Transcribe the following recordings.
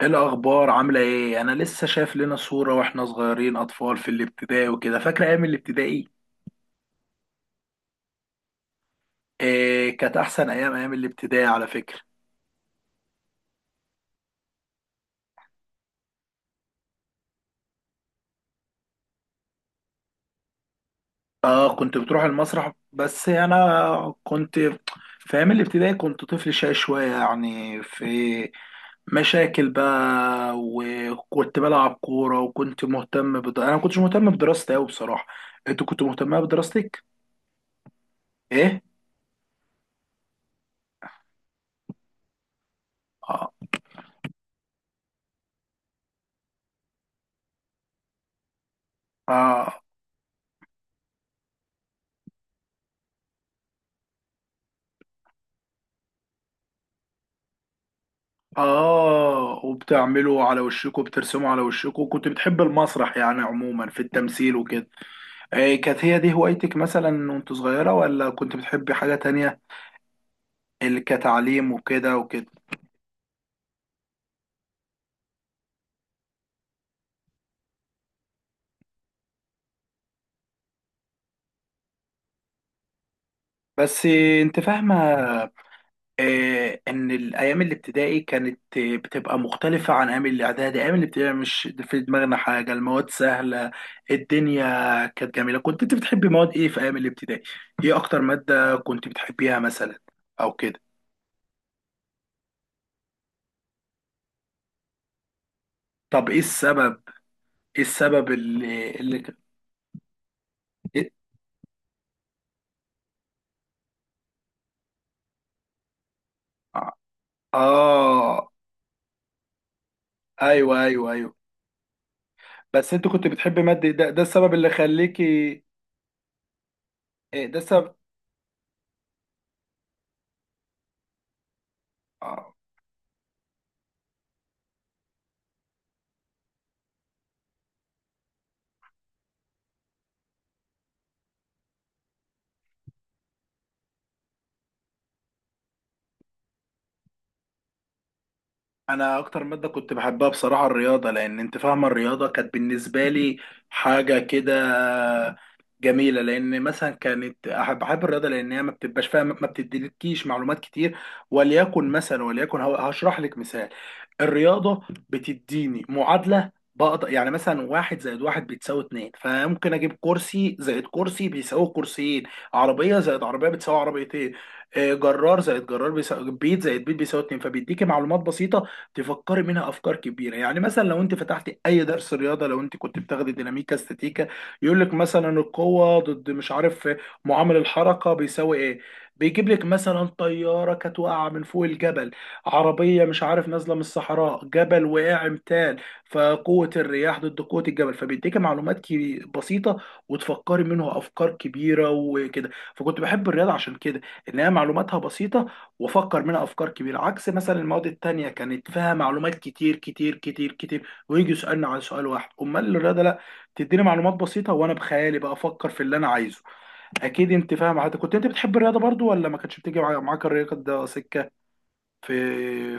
ايه الاخبار، عامله ايه؟ انا لسه شايف لنا صوره واحنا صغيرين اطفال في الابتدائي وكده، فاكره ايام الابتدائي. إيه، كانت احسن ايام الابتدائي على فكره. اه، كنت بتروح المسرح، بس انا كنت في ايام الابتدائي كنت طفل شقي شويه، يعني في مشاكل بقى. وكنت بلعب كوره، وكنت مهتم انا ما كنتش مهتم بدراستي قوي بصراحه. انت كنت مهتمه بدراستك؟ ايه. اه، اه، اه. وبتعملوا على وشكوا، بترسموا على وشكوا؟ كنت بتحب المسرح يعني عموما، في التمثيل وكده؟ آه، كانت هي دي هوايتك مثلا وانت صغيرة، ولا كنت بتحبي حاجة تانية؟ اللي كتعليم وكده وكده. بس انت فاهمة، ان الايام الابتدائي كانت بتبقى مختلفة عن ايام الاعدادي. ايام الابتدائي مش في دماغنا حاجة، المواد سهلة، الدنيا كانت جميلة. كنت انت بتحبي مواد ايه في ايام الابتدائي؟ ايه اكتر مادة كنت بتحبيها مثلا او كده؟ طب ايه السبب؟ ايه السبب اللي إيه؟ اه، ايوه، ايوه، ايوه. بس انت كنت بتحب مادة، ده السبب اللي خليكي؟ إيه ده السبب؟ آه. انا اكتر ماده كنت بحبها بصراحه الرياضه، لان انت فاهمه الرياضه كانت بالنسبه لي حاجه كده جميله. لان مثلا كانت احب الرياضه، لان هي ما بتبقاش فاهم، ما بتديلكيش معلومات كتير. وليكن مثلا، وليكن هشرح لك مثال. الرياضه بتديني معادله، بقدر يعني مثلا واحد زائد واحد بتساوي اتنين، فممكن اجيب كرسي زائد كرسي بيساوي كرسيين، عربيه زائد عربيه بتساوي عربيتين، جرار زائد جرار بيساوي، بيت زائد بيت بيساوي اتنين. فبيديكي معلومات بسيطه تفكري منها افكار كبيره. يعني مثلا لو انت فتحتي اي درس رياضه، لو انت كنت بتاخدي ديناميكا استاتيكا، يقول لك مثلا القوه ضد مش عارف معامل الحركه بيساوي ايه، بيجيب لك مثلا طياره كانت واقعه من فوق الجبل، عربيه مش عارف نازله من الصحراء، جبل وقع امتال، فقوه الرياح ضد قوه الجبل. فبيديكي معلومات بسيطه وتفكري منها افكار كبيره وكده. فكنت بحب الرياضه عشان كده، ان هي معلوماتها بسيطه وافكر منها افكار كبيره، عكس مثلا المواد التانية كانت فيها معلومات كتير كتير كتير كتير، ويجي يسالنا عن سؤال واحد. امال الرياضه لا، تديني معلومات بسيطه وانا بخيالي بقى افكر في اللي انا عايزه. اكيد انت فاهم. حضرتك كنت انت بتحب الرياضه برضو، ولا ما كانتش بتيجي معاك الرياضه، ده سكه في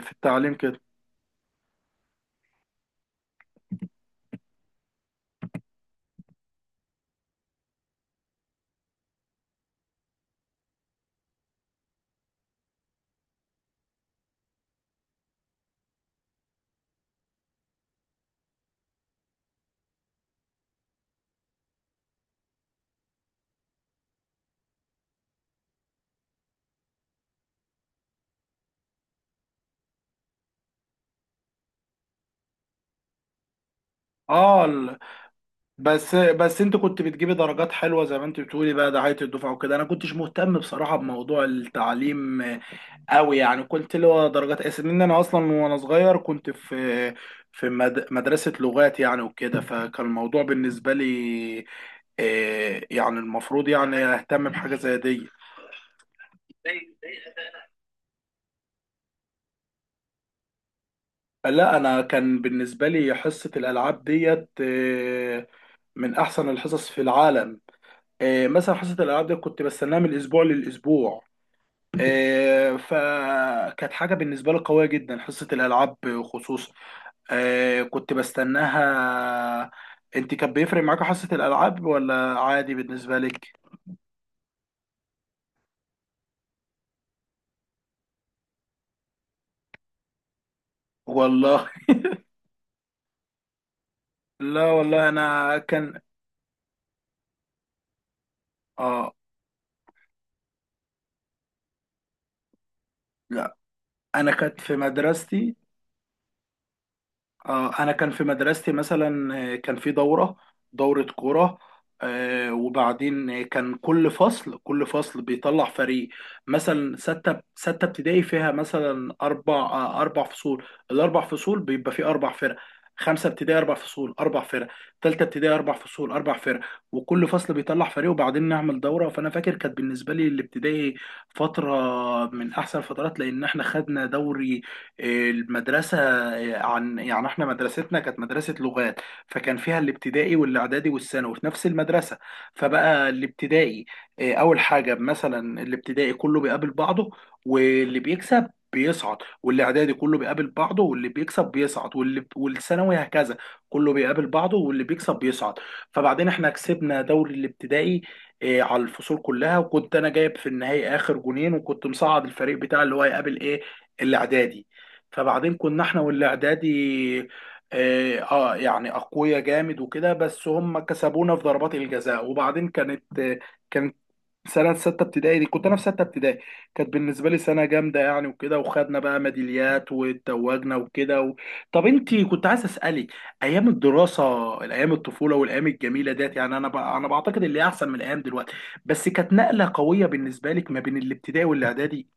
في التعليم كده؟ اه، بس انت كنت بتجيبي درجات حلوه زي ما انت بتقولي بقى، دعايه الدفعه وكده. انا كنتش مهتم بصراحه بموضوع التعليم أوي، يعني كنت له درجات أساس لأن أنا أصلا وأنا صغير كنت في مدرسة لغات يعني وكده، فكان الموضوع بالنسبة لي يعني المفروض يعني أهتم بحاجة زي دي. لا انا كان بالنسبه لي حصه الالعاب ديت من احسن الحصص في العالم. مثلا حصه الالعاب دي كنت بستناها من الاسبوع للاسبوع. فكانت حاجه بالنسبه لي قويه جدا حصه الالعاب، خصوصا كنت بستناها. انت كان بيفرق معاك حصة الالعاب، ولا عادي بالنسبة لك؟ والله، لا والله انا كان اه، لا، انا كانت في مدرستي، انا كان في مدرستي مثلا كان في دوره كوره، وبعدين كان كل فصل بيطلع فريق. مثلا سته ابتدائي فيها مثلا اربع فصول، الاربع فصول بيبقى فيه اربع فرق. خمسه ابتدائي اربع فصول اربع فرق، ثالثه ابتدائي اربع فصول اربع فرق. وكل فصل بيطلع فريق وبعدين نعمل دوره. فانا فاكر كانت بالنسبه لي الابتدائي فتره من احسن الفترات، لان احنا خدنا دوري المدرسة. عن يعني احنا مدرستنا كانت مدرسة لغات، فكان فيها الابتدائي والاعدادي والثانوي في نفس المدرسة. فبقى الابتدائي اه، اول حاجة مثلا الابتدائي كله بيقابل بعضه واللي بيكسب بيصعد، والاعدادي كله بيقابل بعضه واللي بيكسب بيصعد، والثانوي هكذا كله بيقابل بعضه واللي بيكسب بيصعد. فبعدين احنا كسبنا دوري الابتدائي اه، على الفصول كلها. وكنت انا جايب في النهائي اخر جونين، وكنت مصعد الفريق بتاع اللي هو هيقابل ايه؟ الاعدادي. فبعدين كنا احنا والاعدادي يعني اقوياء جامد وكده، بس هم كسبونا في ضربات الجزاء. وبعدين كانت كانت سنة ستة ابتدائي دي، كنت أنا في ستة ابتدائي، كانت بالنسبة لي سنة جامدة يعني وكده، وخدنا بقى ميداليات واتوجنا وكده و... طب أنت كنت عايز أسألك، أيام الدراسة، الأيام الطفولة والأيام الجميلة ديت يعني أنا بعتقد اللي هي أحسن من الأيام دلوقتي. بس كانت نقلة قوية بالنسبة لك ما بين الابتدائي والإعدادي؟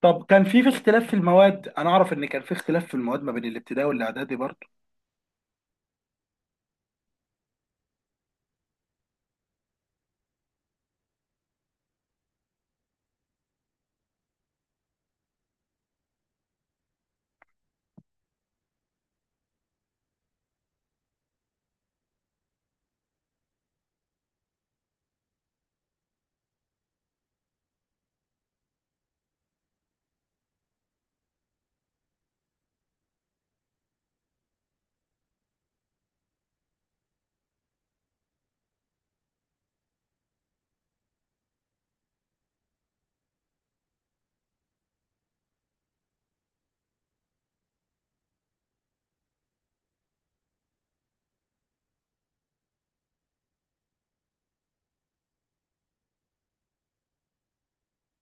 طب كان في اختلاف في المواد؟ انا اعرف ان كان في اختلاف في المواد ما بين الابتدائي والاعدادي برضه.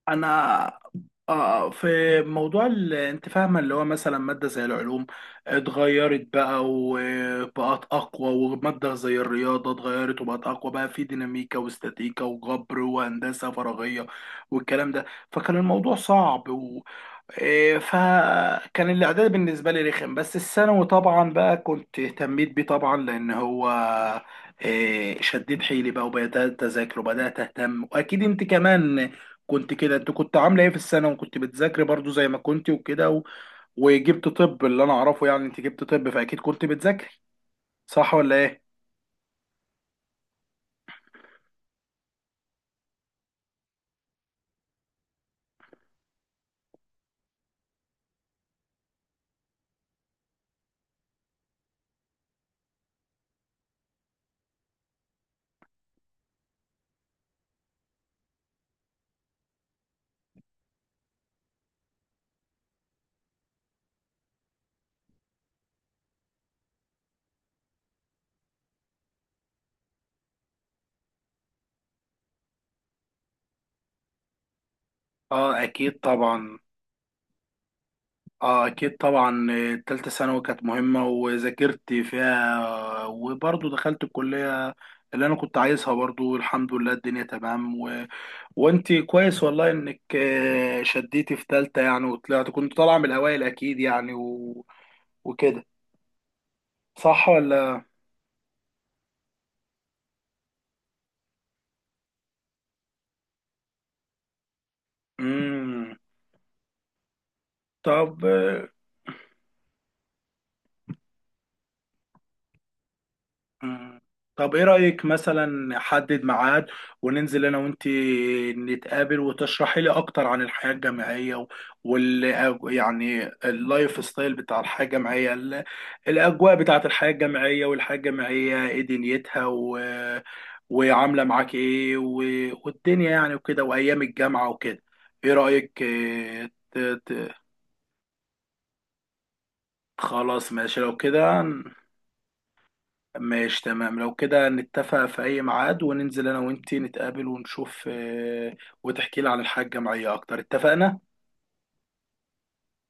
انا في موضوع انت فاهمه اللي هو مثلا ماده زي العلوم اتغيرت بقى وبقت اقوى، وماده زي الرياضه اتغيرت وبقت اقوى بقى، في ديناميكا واستاتيكا وجبر وهندسه فراغيه والكلام ده. فكان الموضوع صعب. إيه، فكان الاعداد بالنسبه لي رخم. بس الثانوي طبعا بقى كنت اهتميت بيه طبعا لان هو إيه، شديد حيلي بقى، وبدات اذاكر وبدات اهتم. واكيد انت كمان كنت كده، انت كنت عامله ايه في الثانوي؟ وكنت بتذاكري برضو زي ما كنت وكده و- وجبت طب. اللي انا اعرفه يعني انت جبت طب، فاكيد كنت بتذاكري، صح ولا ايه؟ اه، اكيد طبعا. اه، اكيد طبعا، تالتة ثانوي كانت مهمة وذاكرت فيها وبرضو دخلت الكلية اللي انا كنت عايزها. برضو الحمد لله الدنيا تمام و... وانت كويس والله، انك شديتي في تالتة يعني، وطلعت كنت طالعة من الاوائل اكيد يعني و... وكده، صح ولا؟ امم. طب. مم. طب ايه رأيك مثلا نحدد ميعاد وننزل انا وانت نتقابل، وتشرحي لي اكتر عن الحياة الجامعية و- وال يعني اللايف ستايل بتاع الحياة الجامعية، الاجواء بتاعة الحياة الجامعية، والحياة الجامعية ايه دنيتها و... وعاملة معاك ايه و... والدنيا يعني وكده، وايام الجامعة وكده. ايه رأيك؟ خلاص ماشي لو كده. ماشي تمام لو كده، نتفق في أي ميعاد وننزل أنا وأنتي نتقابل ونشوف، وتحكي لي عن الحياة الجامعية أكتر. اتفقنا؟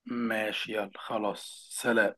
ماشي يلا خلاص، سلام.